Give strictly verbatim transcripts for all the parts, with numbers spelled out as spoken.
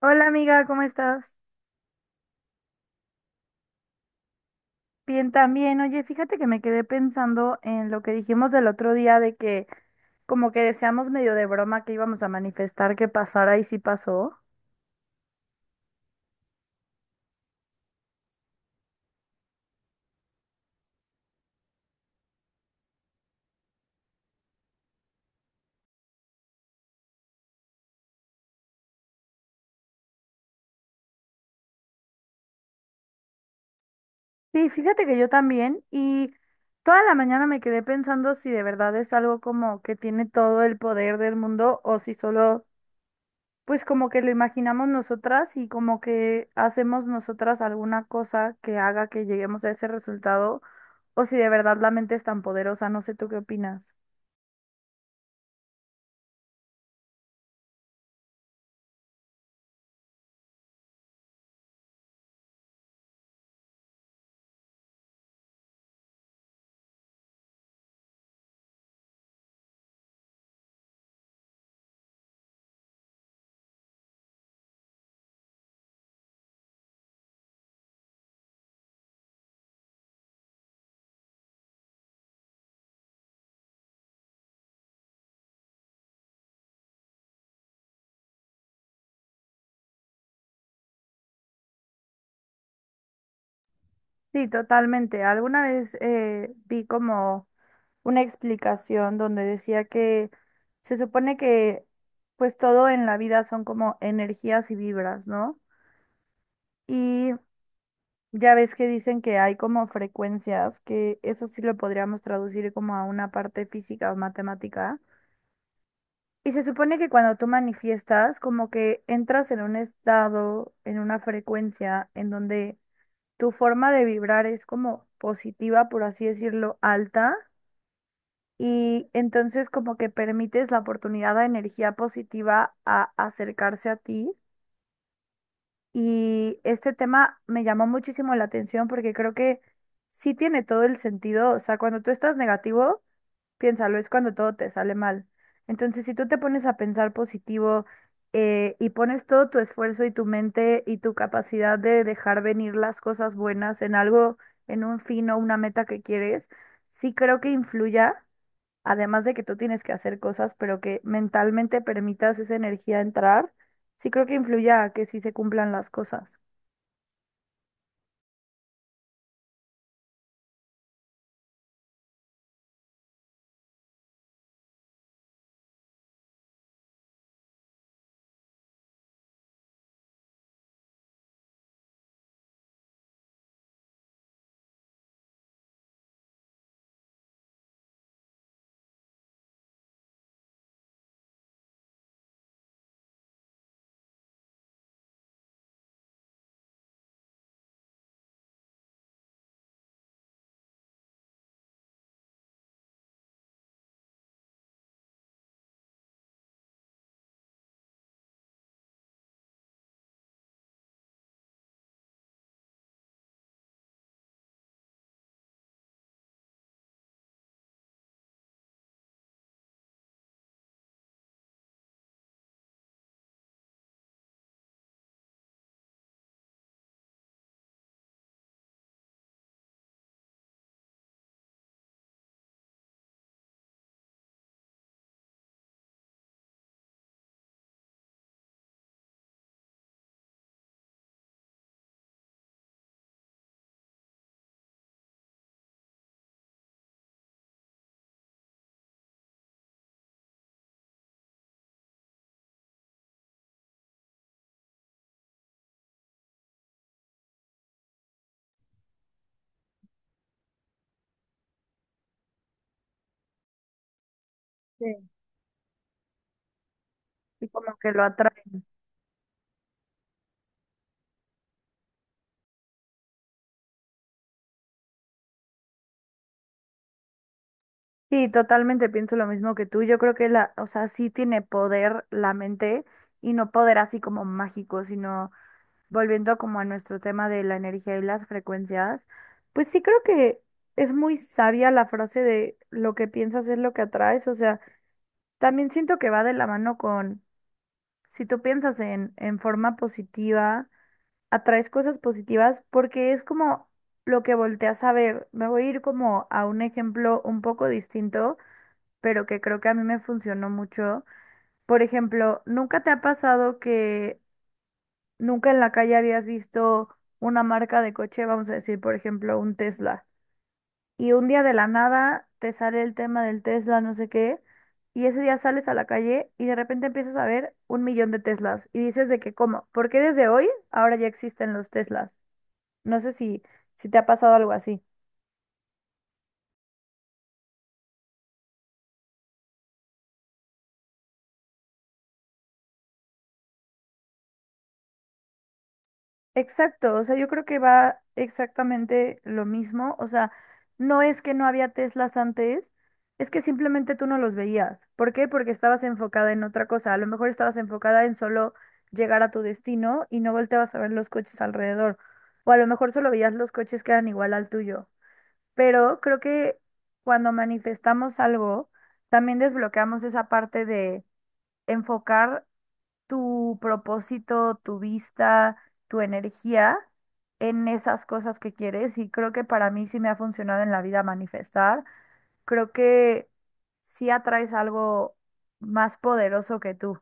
Hola amiga, ¿cómo estás? Bien también. Oye, fíjate que me quedé pensando en lo que dijimos del otro día de que como que deseamos medio de broma que íbamos a manifestar que pasara y sí pasó. Sí, fíjate que yo también y toda la mañana me quedé pensando si de verdad es algo como que tiene todo el poder del mundo o si solo pues como que lo imaginamos nosotras y como que hacemos nosotras alguna cosa que haga que lleguemos a ese resultado o si de verdad la mente es tan poderosa. No sé, ¿tú qué opinas? Sí, totalmente. Alguna vez eh, vi como una explicación donde decía que se supone que pues todo en la vida son como energías y vibras, ¿no? Y ya ves que dicen que hay como frecuencias, que eso sí lo podríamos traducir como a una parte física o matemática. Y se supone que cuando tú manifiestas, como que entras en un estado, en una frecuencia en donde tu forma de vibrar es como positiva, por así decirlo, alta. Y entonces como que permites la oportunidad a energía positiva a acercarse a ti. Y este tema me llamó muchísimo la atención porque creo que sí tiene todo el sentido. O sea, cuando tú estás negativo, piénsalo, es cuando todo te sale mal. Entonces, si tú te pones a pensar positivo, eh, y pones todo tu esfuerzo y tu mente y tu capacidad de dejar venir las cosas buenas en algo, en un fin o una meta que quieres, sí creo que influya, además de que tú tienes que hacer cosas, pero que mentalmente permitas esa energía entrar, sí creo que influya a que sí se cumplan las cosas. Sí, y como que lo atraen. Sí, totalmente pienso lo mismo que tú. Yo creo que la, o sea, sí tiene poder la mente y no poder así como mágico, sino volviendo como a nuestro tema de la energía y las frecuencias, pues sí creo que es muy sabia la frase de lo que piensas es lo que atraes. O sea, también siento que va de la mano con si tú piensas en, en forma positiva, atraes cosas positivas porque es como lo que volteas a ver. Me voy a ir como a un ejemplo un poco distinto, pero que creo que a mí me funcionó mucho. Por ejemplo, ¿nunca te ha pasado que nunca en la calle habías visto una marca de coche? Vamos a decir, por ejemplo, un Tesla y un día de la nada te sale el tema del Tesla, no sé qué, y ese día sales a la calle y de repente empiezas a ver un millón de Teslas y dices de que, ¿cómo? ¿Por qué desde hoy ahora ya existen los Teslas? No sé si, si te ha pasado algo así. Exacto, o sea, yo creo que va exactamente lo mismo, o sea, no es que no había Teslas antes, es que simplemente tú no los veías. ¿Por qué? Porque estabas enfocada en otra cosa, a lo mejor estabas enfocada en solo llegar a tu destino y no volteabas a ver los coches alrededor, o a lo mejor solo veías los coches que eran igual al tuyo. Pero creo que cuando manifestamos algo, también desbloqueamos esa parte de enfocar tu propósito, tu vista, tu energía en esas cosas que quieres y creo que para mí sí me ha funcionado en la vida manifestar. Creo que sí atraes algo más poderoso que tú.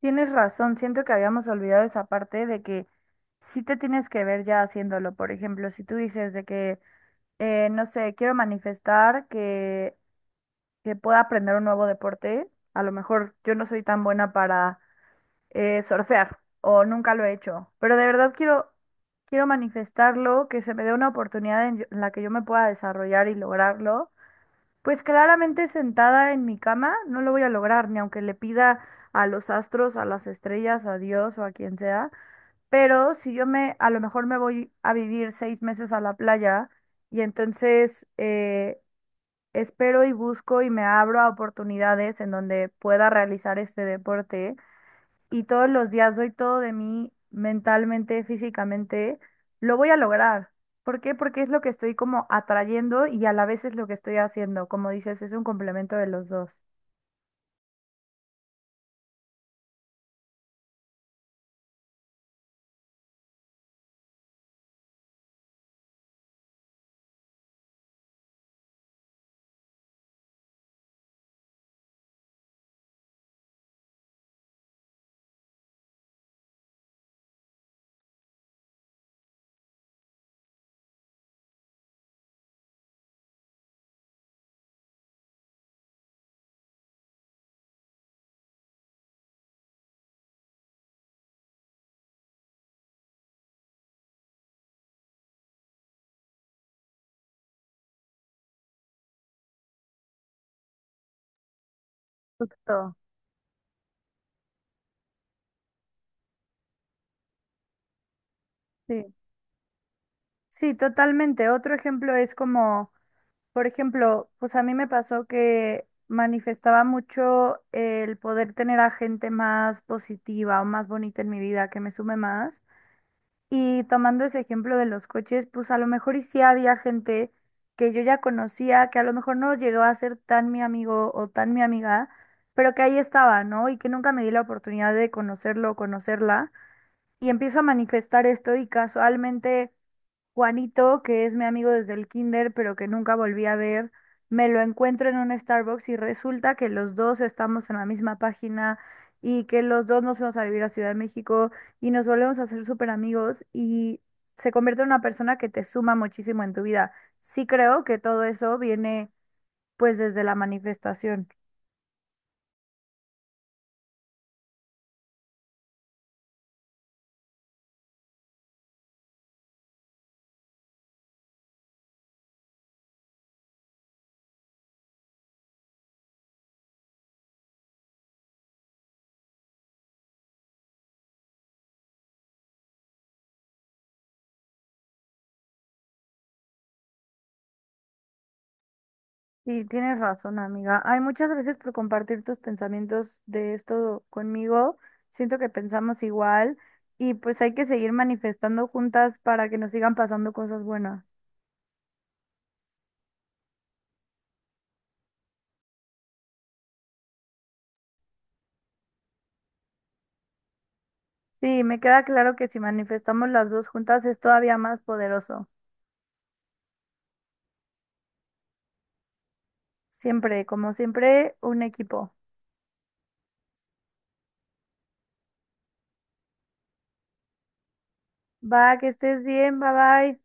Tienes razón, siento que habíamos olvidado esa parte de que sí te tienes que ver ya haciéndolo. Por ejemplo, si tú dices de que, eh, no sé, quiero manifestar que, que pueda aprender un nuevo deporte, a lo mejor yo no soy tan buena para eh, surfear o nunca lo he hecho, pero de verdad quiero, quiero manifestarlo, que se me dé una oportunidad en, yo- en la que yo me pueda desarrollar y lograrlo. Pues claramente sentada en mi cama no lo voy a lograr, ni aunque le pida a los astros, a las estrellas, a Dios o a quien sea, pero si yo me, a lo mejor me voy a vivir seis meses a la playa y entonces, eh, espero y busco y me abro a oportunidades en donde pueda realizar este deporte y todos los días doy todo de mí mentalmente, físicamente, lo voy a lograr. ¿Por qué? Porque es lo que estoy como atrayendo y a la vez es lo que estoy haciendo. Como dices, es un complemento de los dos. Justo. Sí, sí, totalmente. Otro ejemplo es como, por ejemplo, pues a mí me pasó que manifestaba mucho el poder tener a gente más positiva o más bonita en mi vida, que me sume más. Y tomando ese ejemplo de los coches, pues a lo mejor y sí había gente que yo ya conocía, que a lo mejor no llegó a ser tan mi amigo o tan mi amiga, pero que ahí estaba, ¿no? Y que nunca me di la oportunidad de conocerlo o conocerla. Y empiezo a manifestar esto y casualmente Juanito, que es mi amigo desde el kinder, pero que nunca volví a ver, me lo encuentro en un Starbucks y resulta que los dos estamos en la misma página y que los dos nos fuimos a vivir a Ciudad de México y nos volvemos a ser súper amigos y se convierte en una persona que te suma muchísimo en tu vida. Sí creo que todo eso viene pues desde la manifestación. Y tienes razón, amiga. Ay, muchas gracias por compartir tus pensamientos de esto conmigo. Siento que pensamos igual y pues hay que seguir manifestando juntas para que nos sigan pasando cosas buenas. Sí, me queda claro que si manifestamos las dos juntas es todavía más poderoso. Siempre, como siempre, un equipo. Va, que estés bien, bye bye.